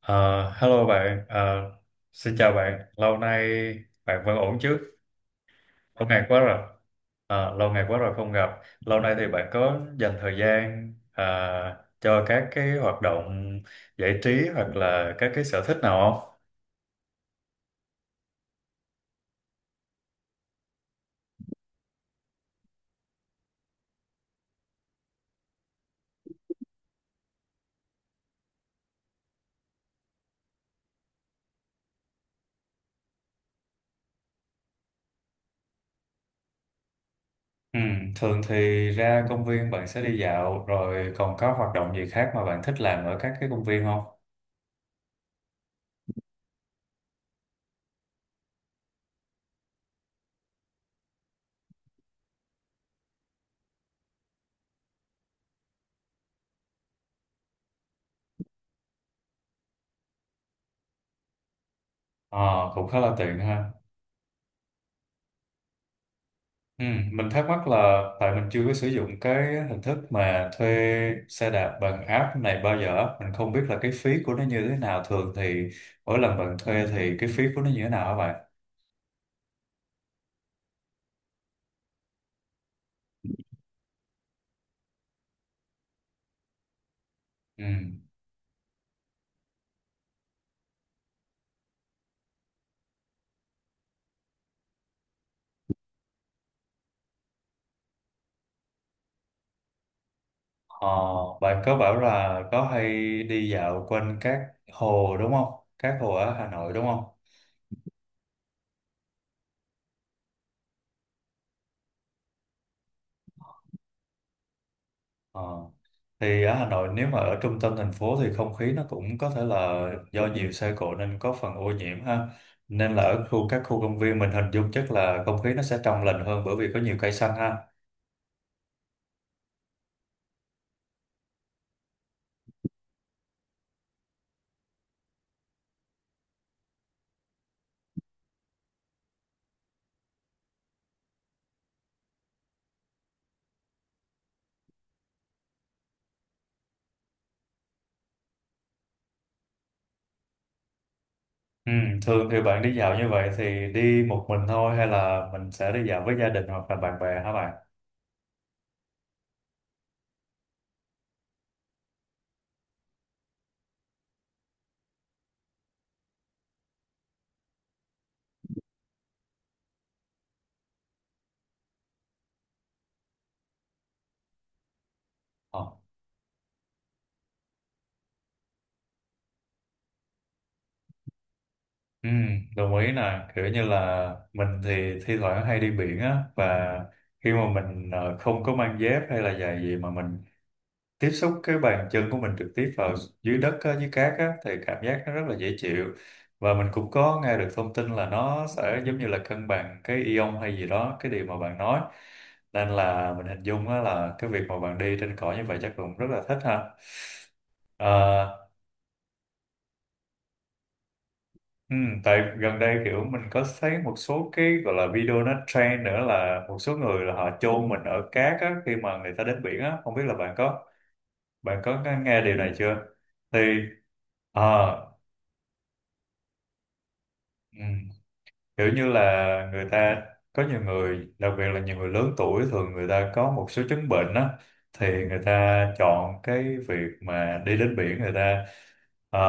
Ờ, Hello bạn. Ờ, Xin chào bạn. Lâu nay bạn vẫn ổn chứ? Lâu ngày quá rồi. Lâu ngày quá rồi không gặp. Lâu nay thì bạn có dành thời gian cho các cái hoạt động giải trí hoặc là các cái sở thích nào không? Ừ, thường thì ra công viên bạn sẽ đi dạo, rồi còn có hoạt động gì khác mà bạn thích làm ở các cái công viên không? Ờ, cũng khá là tiện ha. Ừ, mình thắc mắc là tại mình chưa có sử dụng cái hình thức mà thuê xe đạp bằng app này bao giờ. Mình không biết là cái phí của nó như thế nào. Thường thì mỗi lần bạn thuê thì cái phí của nó như thế nào hả bạn? Ừ. ờ, Bạn có bảo là có hay đi dạo quanh các hồ đúng không? Các hồ ở Hà Nội đúng không? Ờ. Thì ở Hà Nội nếu mà ở trung tâm thành phố thì không khí nó cũng có thể là do nhiều xe cộ nên có phần ô nhiễm ha. Nên là ở khu các khu công viên mình hình dung chắc là không khí nó sẽ trong lành hơn bởi vì có nhiều cây xanh ha. Ừ, thường thì bạn đi dạo như vậy thì đi một mình thôi hay là mình sẽ đi dạo với gia đình hoặc là bạn bè hả bạn? Ờ. Ừ, đồng ý nè. Kiểu như là mình thì thi thoảng hay đi biển á, và khi mà mình không có mang dép hay là giày gì mà mình tiếp xúc cái bàn chân của mình trực tiếp vào dưới đất á, dưới cát á, thì cảm giác nó rất là dễ chịu. Và mình cũng có nghe được thông tin là nó sẽ giống như là cân bằng cái ion hay gì đó, cái điều mà bạn nói. Nên là mình hình dung á, là cái việc mà bạn đi trên cỏ như vậy chắc cũng rất là thích ha. Ờ, ừ, tại gần đây kiểu mình có thấy một số cái gọi là video nó trend nữa, là một số người là họ chôn mình ở cát á, khi mà người ta đến biển á. Không biết là bạn có nghe điều này chưa? Thì ờ, ừ. Kiểu như là người ta, có nhiều người đặc biệt là nhiều người lớn tuổi thường người ta có một số chứng bệnh á, thì người ta chọn cái việc mà đi đến biển. Người ta à,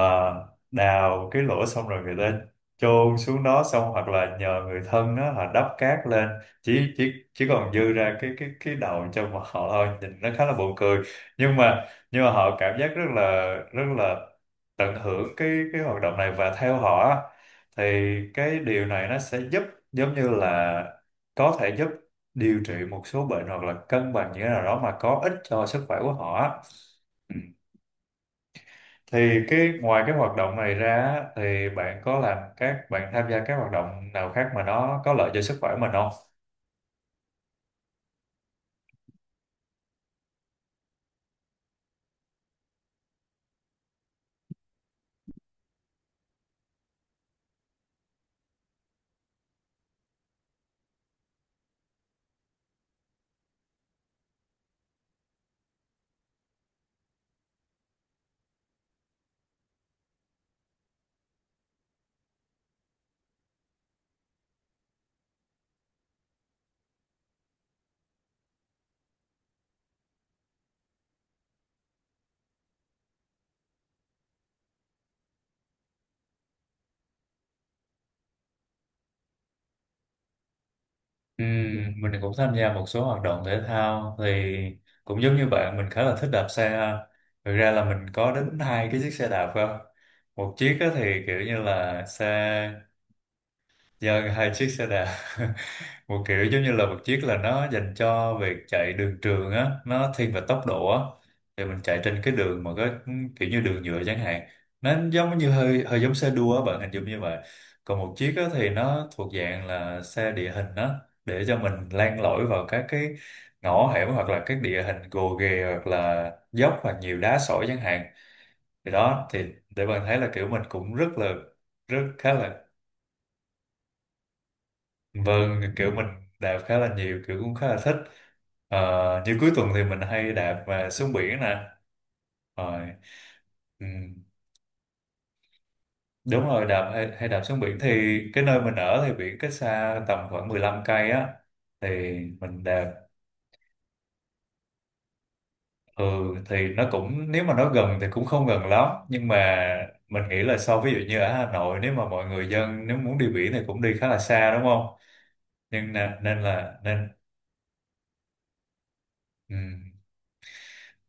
đào cái lỗ xong rồi người ta chôn xuống đó xong, hoặc là nhờ người thân đó họ đắp cát lên, chỉ còn dư ra cái đầu cho mà họ thôi, nhìn nó khá là buồn cười. Nhưng mà nhưng mà họ cảm giác rất là tận hưởng cái hoạt động này. Và theo họ á, thì cái điều này nó sẽ giúp, giống như là có thể giúp điều trị một số bệnh hoặc là cân bằng như thế nào đó mà có ích cho sức khỏe của họ á. Ừ. Thì cái ngoài cái hoạt động này ra á, thì bạn có làm, các bạn tham gia các hoạt động nào khác mà nó có lợi cho sức khỏe mình không? Ừ, mình cũng tham gia một số hoạt động thể thao. Thì cũng giống như bạn, mình khá là thích đạp xe. Thực ra là mình có đến hai cái chiếc xe đạp cơ, một chiếc á thì kiểu như là xe dân, hai chiếc xe đạp. Một kiểu giống như là một chiếc là nó dành cho việc chạy đường trường á, nó thiên về tốc độ á. Thì mình chạy trên cái đường mà có kiểu như đường nhựa chẳng hạn, nó giống như hơi hơi giống xe đua á, bạn hình dung như vậy. Còn một chiếc á thì nó thuộc dạng là xe địa hình á, để cho mình len lỏi vào các cái ngõ hẻm hoặc là các địa hình gồ ghề hoặc là dốc hoặc nhiều đá sỏi chẳng hạn. Thì đó thì để bạn thấy là kiểu mình cũng rất khá là. Vâng, kiểu mình đạp khá là nhiều, kiểu cũng khá là thích. Như cuối tuần thì mình hay đạp và xuống biển nè. Rồi, ừ, đúng rồi, hay đạp xuống biển thì cái nơi mình ở thì biển cách xa tầm khoảng 15 cây á. Thì mình đạp, ừ, thì nó cũng, nếu mà nó gần thì cũng không gần lắm. Nhưng mà mình nghĩ là so ví dụ như ở Hà Nội, nếu mà mọi người dân nếu muốn đi biển thì cũng đi khá là xa đúng không? Nhưng nên. Ừ.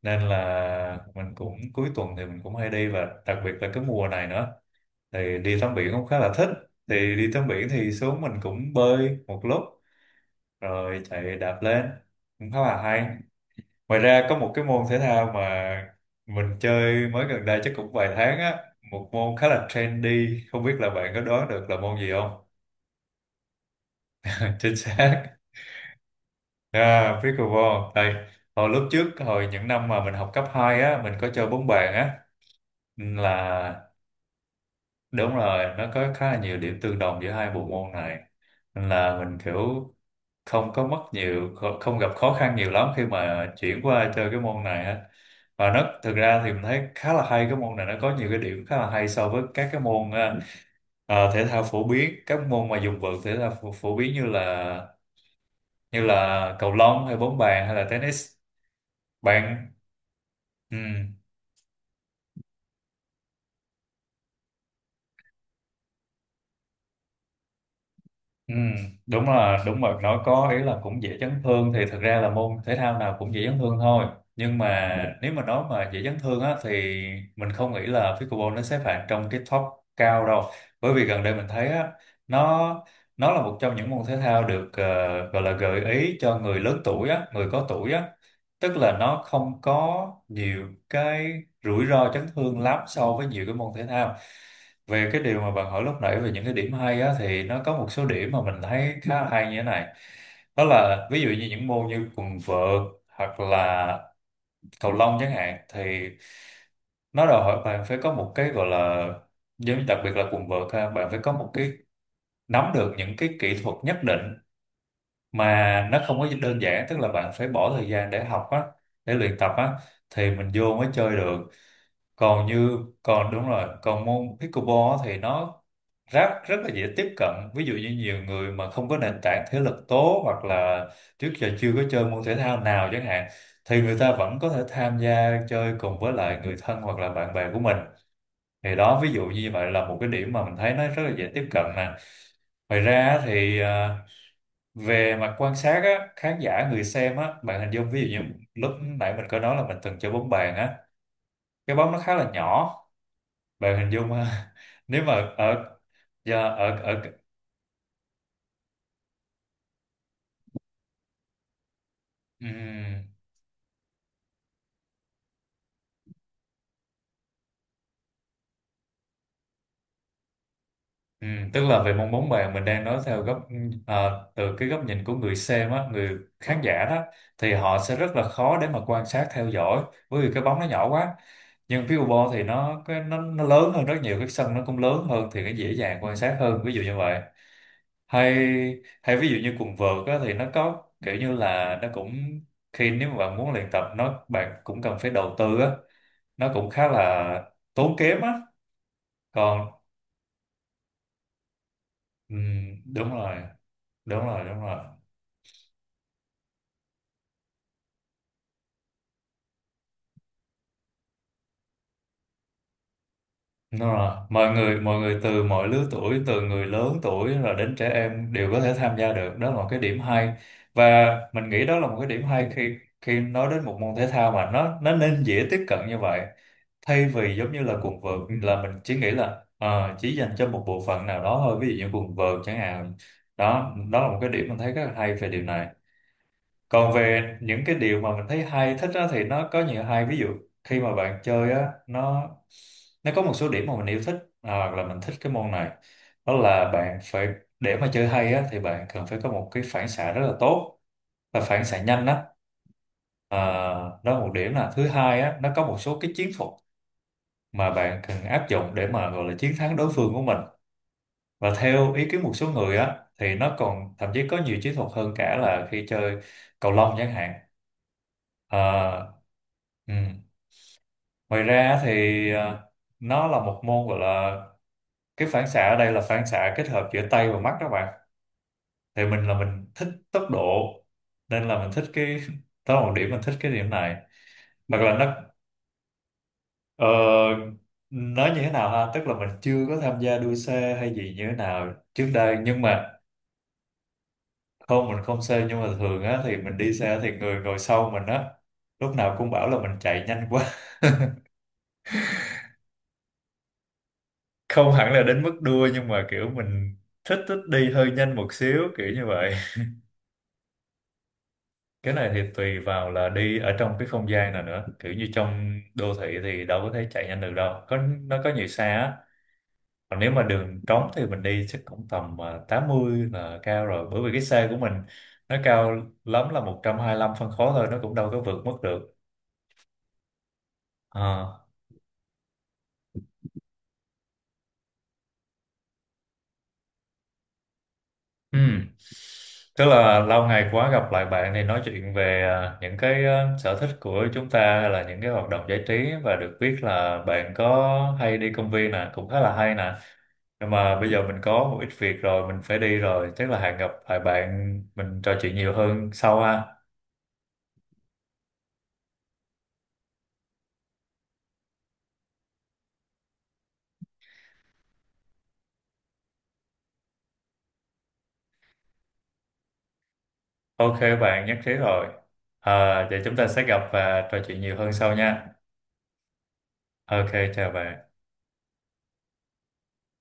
Nên là mình cũng cuối tuần thì mình cũng hay đi, và đặc biệt là cái mùa này nữa thì đi tắm biển cũng khá là thích. Thì đi tắm biển thì xuống mình cũng bơi một lúc rồi chạy đạp lên cũng khá là hay. Ngoài ra có một cái môn thể thao mà mình chơi mới gần đây chắc cũng vài tháng á, một môn khá là trendy, không biết là bạn có đoán được là môn gì không? Chính xác, à, pickleball đây. Hồi lúc trước hồi những năm mà mình học cấp 2 á mình có chơi bóng bàn á. Là đúng rồi, nó có khá là nhiều điểm tương đồng giữa hai bộ môn này. Nên là mình kiểu không có mất nhiều, không gặp khó khăn nhiều lắm khi mà chuyển qua chơi cái môn này á. Và nó thực ra thì mình thấy khá là hay. Cái môn này nó có nhiều cái điểm khá là hay so với các cái môn thể thao phổ biến, các môn mà dùng vợt thể thao phổ biến như là cầu lông hay bóng bàn hay là tennis. Bạn. Ừ. Ừ, đúng là đúng rồi, nói có ý là cũng dễ chấn thương, thì thật ra là môn thể thao nào cũng dễ chấn thương thôi. Nhưng mà nếu mà nói mà dễ chấn thương á thì mình không nghĩ là pickleball nó xếp hạng trong cái top cao đâu. Bởi vì gần đây mình thấy á, nó nó là một trong những môn thể thao được gọi là gợi ý cho người lớn tuổi á, người có tuổi á, tức là nó không có nhiều cái rủi ro chấn thương lắm so với nhiều cái môn thể thao. Về cái điều mà bạn hỏi lúc nãy về những cái điểm hay á, thì nó có một số điểm mà mình thấy khá là hay như thế này. Đó là ví dụ như những môn như quần vợt hoặc là cầu lông chẳng hạn, thì nó đòi hỏi bạn phải có một cái gọi là, giống như đặc biệt là quần vợt ha, bạn phải có một cái, nắm được những cái kỹ thuật nhất định mà nó không có đơn giản, tức là bạn phải bỏ thời gian để học á, để luyện tập á, thì mình vô mới chơi được. Còn đúng rồi, còn môn pickleball á thì nó rất rất là dễ tiếp cận. Ví dụ như nhiều người mà không có nền tảng thể lực tốt hoặc là trước giờ chưa có chơi môn thể thao nào chẳng hạn, thì người ta vẫn có thể tham gia chơi cùng với lại người thân hoặc là bạn bè của mình. Thì đó ví dụ như vậy là một cái điểm mà mình thấy nó rất là dễ tiếp cận nè. Ngoài ra á thì về mặt quan sát á, khán giả người xem á, bạn hình dung ví dụ như lúc nãy mình có nói là mình từng chơi bóng bàn á, cái bóng nó khá là nhỏ, bạn hình dung ha. nếu mà ở do ở ở ừm, Tức là về mong muốn bạn, mình đang nói theo góc từ cái góc nhìn của người xem á, người khán giả đó, thì họ sẽ rất là khó để mà quan sát theo dõi bởi vì cái bóng nó nhỏ quá. Nhưng pickleball thì nó lớn hơn rất nhiều, cái sân nó cũng lớn hơn thì nó dễ dàng quan sát hơn ví dụ như vậy. Hay, ví dụ như quần vợt á, thì nó có kiểu như là nó cũng, khi nếu mà bạn muốn luyện tập nó bạn cũng cần phải đầu tư á, nó cũng khá là tốn kém á. Còn ừm, đúng rồi, đúng rồi, đúng rồi, đúng rồi, mọi người từ mọi lứa tuổi, từ người lớn tuổi rồi đến trẻ em đều có thể tham gia được, đó là một cái điểm hay. Và mình nghĩ đó là một cái điểm hay khi khi nói đến một môn thể thao mà nó nên dễ tiếp cận như vậy, thay vì giống như là quần vợt là mình chỉ nghĩ là chỉ dành cho một bộ phận nào đó thôi, ví dụ như quần vợt chẳng hạn. Đó đó là một cái điểm mình thấy rất là hay về điều này. Còn về những cái điều mà mình thấy hay thích á, thì nó có nhiều hay ví dụ khi mà bạn chơi á, nó có một số điểm mà mình yêu thích, hoặc là mình thích cái môn này. Đó là bạn phải, để mà chơi hay á thì bạn cần phải có một cái phản xạ rất là tốt và phản xạ nhanh á. à, Đó là một điểm. Là thứ hai á, nó có một số cái chiến thuật mà bạn cần áp dụng để mà gọi là chiến thắng đối phương của mình. Và theo ý kiến một số người á thì nó còn thậm chí có nhiều chiến thuật hơn cả là khi chơi cầu lông chẳng hạn. Ờ, ừ. Ngoài ra thì ờ, nó là một môn gọi là, cái phản xạ ở đây là phản xạ kết hợp giữa tay và mắt các bạn. Thì mình thích tốc độ nên là mình thích cái. Đó là một điểm mình thích cái điểm này. Hoặc là nó ờ, nói như thế nào ha, tức là mình chưa có tham gia đua xe hay gì như thế nào trước đây nhưng mà không, mình không xe nhưng mà thường á thì mình đi xe thì người ngồi sau mình á lúc nào cũng bảo là mình chạy nhanh quá. Không hẳn là đến mức đua nhưng mà kiểu mình thích thích đi hơi nhanh một xíu kiểu như vậy. Cái này thì tùy vào là đi ở trong cái không gian nào nữa, kiểu như trong đô thị thì đâu có thể chạy nhanh được đâu, có nó có nhiều xe á. Còn nếu mà đường trống thì mình đi chắc cũng tầm 80 là cao rồi, bởi vì cái xe của mình nó cao lắm là 125 phân khối thôi, nó cũng đâu có vượt mức được. Ờ. Ừ. Tức là lâu ngày quá gặp lại bạn thì nói chuyện về những cái sở thích của chúng ta hay là những cái hoạt động giải trí, và được biết là bạn có hay đi công viên nè, cũng khá là hay nè. Nhưng mà bây giờ mình có một ít việc rồi, mình phải đi rồi, chắc là hẹn gặp lại bạn mình trò chuyện nhiều hơn sau ha. Ok bạn nhất trí rồi. À, vậy chúng ta sẽ gặp và trò chuyện nhiều hơn sau nha. Ok chào bạn.